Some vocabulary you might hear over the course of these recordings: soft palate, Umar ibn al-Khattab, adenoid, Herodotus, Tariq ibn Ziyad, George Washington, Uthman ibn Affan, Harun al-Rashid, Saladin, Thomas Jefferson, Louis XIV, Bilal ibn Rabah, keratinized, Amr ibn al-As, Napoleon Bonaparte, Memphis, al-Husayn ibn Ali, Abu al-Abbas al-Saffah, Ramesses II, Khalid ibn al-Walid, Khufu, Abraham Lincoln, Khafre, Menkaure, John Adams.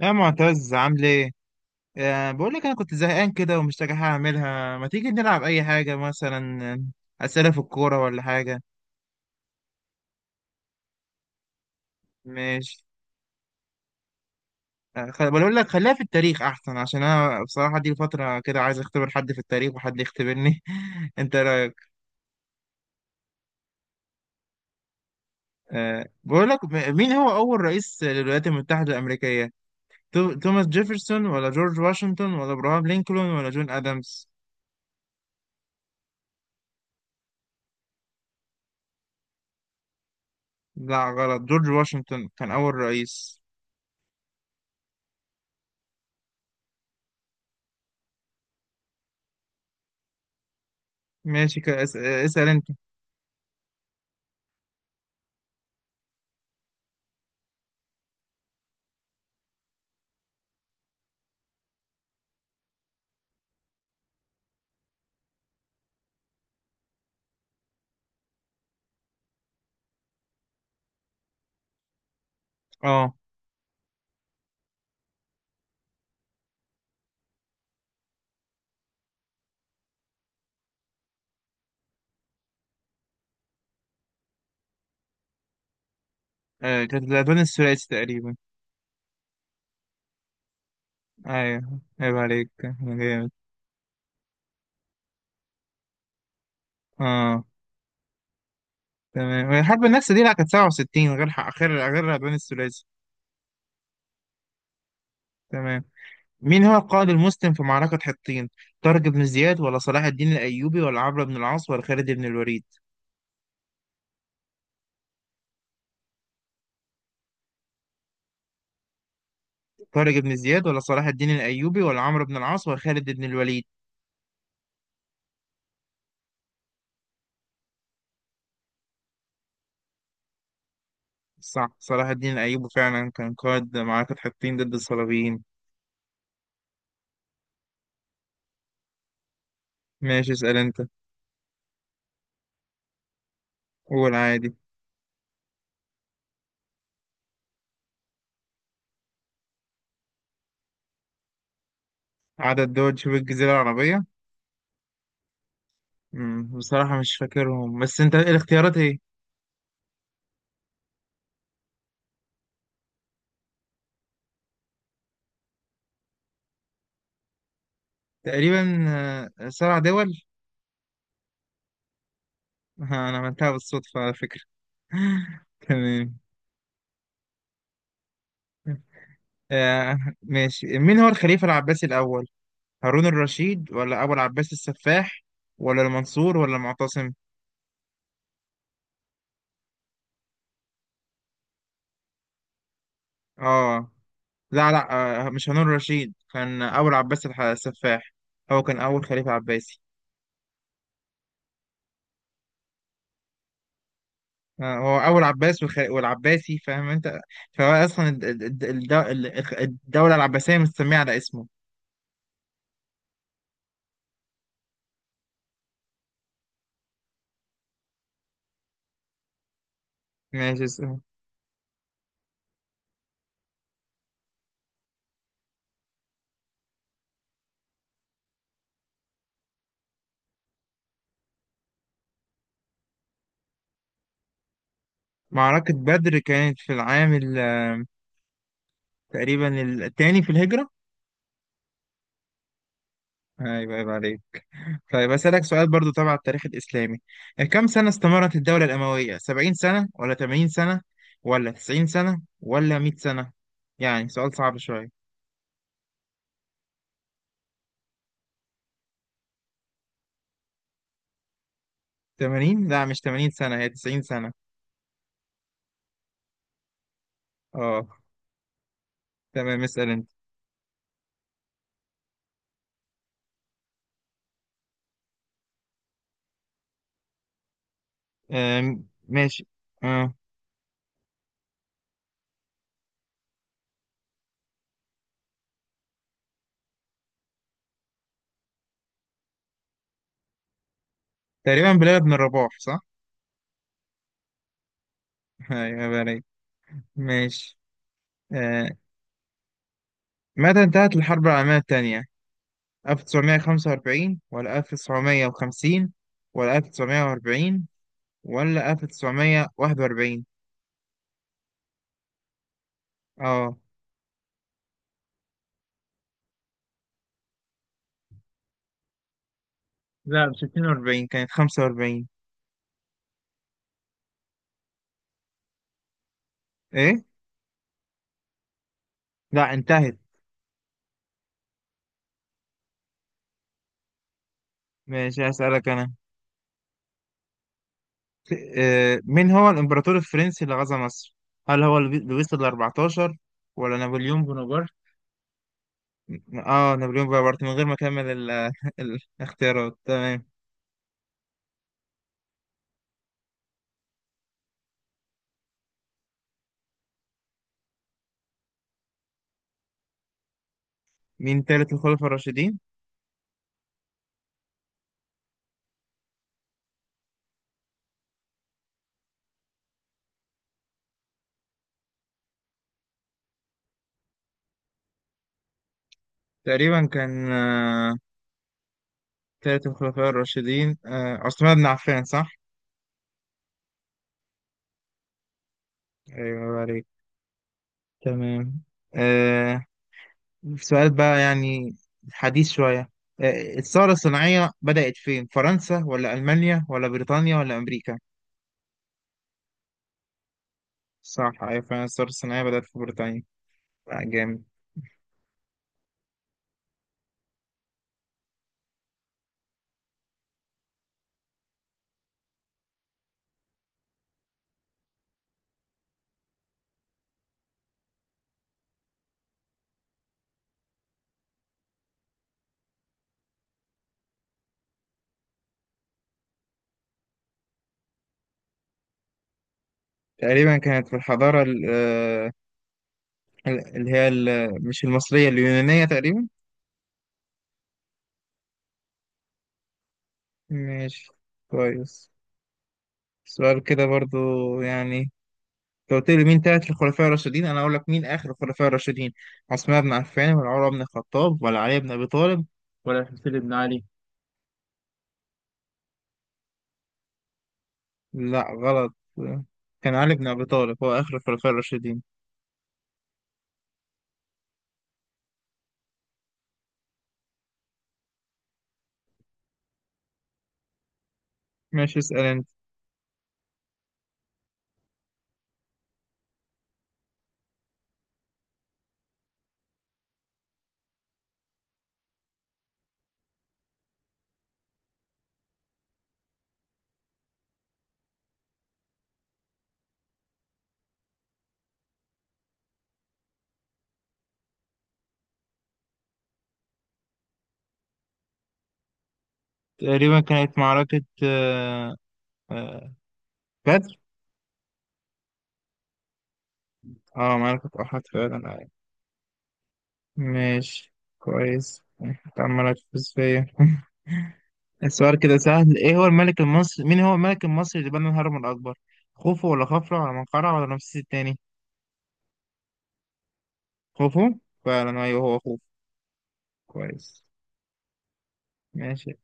يا معتز، عامل ايه؟ بقول لك انا كنت زهقان كده ومش لاقي حاجه اعملها، ما تيجي نلعب اي حاجه مثلا؟ اسئله في الكوره ولا حاجه؟ ماشي. بقول لك خليها في التاريخ احسن، عشان انا بصراحه دي فتره كده عايز اختبر حد في التاريخ وحد يختبرني. انت رايك؟ بقول لك مين هو اول رئيس للولايات المتحده الامريكيه؟ توماس جيفرسون ولا جورج واشنطن ولا ابراهام لينكولن ولا جون ادمز؟ لا غلط، جورج واشنطن كان اول رئيس. ماشي، اسال انت. اه. كانت الألوان الثلاثي تقريبا. أيوه عيب عليك، أنا جامد. أه، تمام. الحرب النكسة دي لا، كانت 67، غير ح- غير غير الألوان الثلاثي. تمام. مين هو القائد المسلم في معركة حطين؟ طارق بن زياد ولا صلاح الدين الأيوبي ولا عمرو بن العاص ولا خالد بن الوليد؟ طارق بن زياد ولا صلاح الدين الأيوبي ولا عمرو بن العاص ولا خالد بن الوليد؟ صح، صلاح الدين الأيوبي فعلا كان قائد معركة حطين ضد الصليبيين. ماشي، اسأل أنت. قول عادي. عدد دول شبه الجزيرة العربية. بصراحة مش فاكرهم، بس انت الاختيارات ايه؟ تقريبا سبع دول. انا عملتها بالصدفة على فكرة. تمام. ماشي، مين هو الخليفة العباسي الأول؟ هارون الرشيد ولا أبو العباس السفاح ولا المنصور ولا المعتصم؟ اه. لا لا. مش هارون الرشيد، كان أبو العباس السفاح. هو كان أول خليفة عباسي. هو أول عباس والعباسي، فاهم أنت؟ فهو أصلا الدولة العباسية مستمية على اسمه. ماشي، اسأل. معركة بدر كانت في العام تقريبا الثاني في الهجرة. ايوه عيب عليك. طيب أسألك سؤال برضو تبع التاريخ الإسلامي، كم سنة استمرت الدولة الأموية؟ 70 سنة ولا 80 سنة ولا 90 سنة ولا 100 سنة؟ يعني سؤال صعب شوية. 80، لا مش 80 سنة، هي 90 سنة. اه، تمام، اسأل انت. ماشي. اه، تقريبا بلال بن الرباح صح. ايوه عيب عليك. ماشي. آه، متى انتهت الحرب العالمية الثانية؟ 1945 ولا 1950 ولا 1940 ولا 1941؟ اه لا، مش 42 كانت 45. ايه؟ لا انتهت. ماشي هسألك انا. مين هو الامبراطور الفرنسي اللي غزا مصر؟ هل هو لويس ال 14 ولا نابليون بونابرت؟ اه، نابليون بونابرت من غير ما اكمل ال- الاختيارات. تمام. مين تالت الخلفاء الراشدين؟ تقريبا كان تالت الخلفاء الراشدين عثمان بن عفان، صح؟ أيوة الله عليك. تمام. آه، سؤال بقى يعني حديث شوية. الثورة الصناعية بدأت فين؟ فرنسا ولا ألمانيا ولا بريطانيا ولا أمريكا؟ صح، أيوة فعلا الثورة الصناعية بدأت في بريطانيا. جامد. تقريبا كانت في الحضارة اللي هي مش المصرية، اليونانية تقريبا. ماشي، كويس. سؤال كده برضو يعني، انت قلت لي مين تالت الخلفاء الراشدين، انا اقول لك مين اخر الخلفاء الراشدين. عثمان بن عفان ولا عمر بن الخطاب ولا علي بن ابي طالب ولا الحسين بن علي؟ لا غلط، كان علي بن ابي طالب هو اخر الخلفاء الراشدين. ماشي، اسال انت. تقريبا كانت معركة آه، بدر. اه، معركة احد فعلا. ماشي كويس، انت عمال هتفوز فيا. السؤال كده سهل. ايه هو الملك المصري، مين هو الملك المصري اللي بنى الهرم الاكبر؟ خوفو ولا خفرع ولا منقرع ولا رمسيس الثاني؟ خوفو. فعلا أيوه هو خوفو. كويس. ماشي.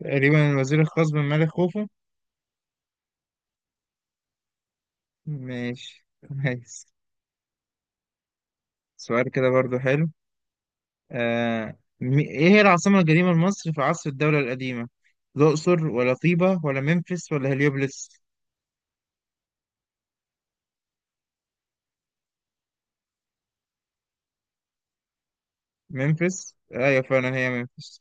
تقريبا الوزير الخاص بالملك خوفو. ماشي كويس. سؤال كده برضو حلو. إيه هي العاصمة القديمة لمصر في عصر الدولة القديمة؟ الأقصر ولا طيبة ولا ممفيس ولا هليوبلس؟ ممفيس؟ أيوه فعلا هي ممفيس.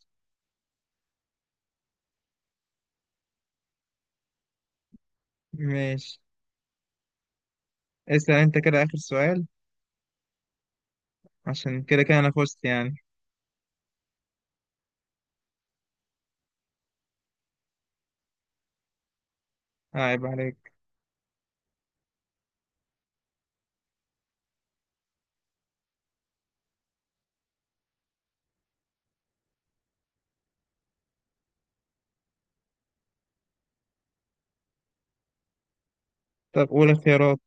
ماشي، اسأل أنت كده آخر سؤال. عشان كده كده أنا فزت يعني. عيب عليك. طب قول اختيارات.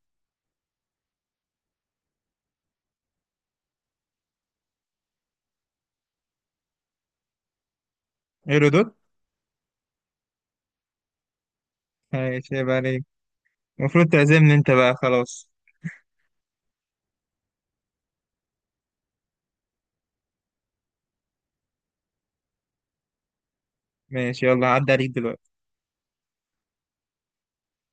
هيرودوت؟ ماشي عيب عليك، المفروض تعزمني أنت بقى خلاص. ماشي، يلا عدى عليك دلوقتي.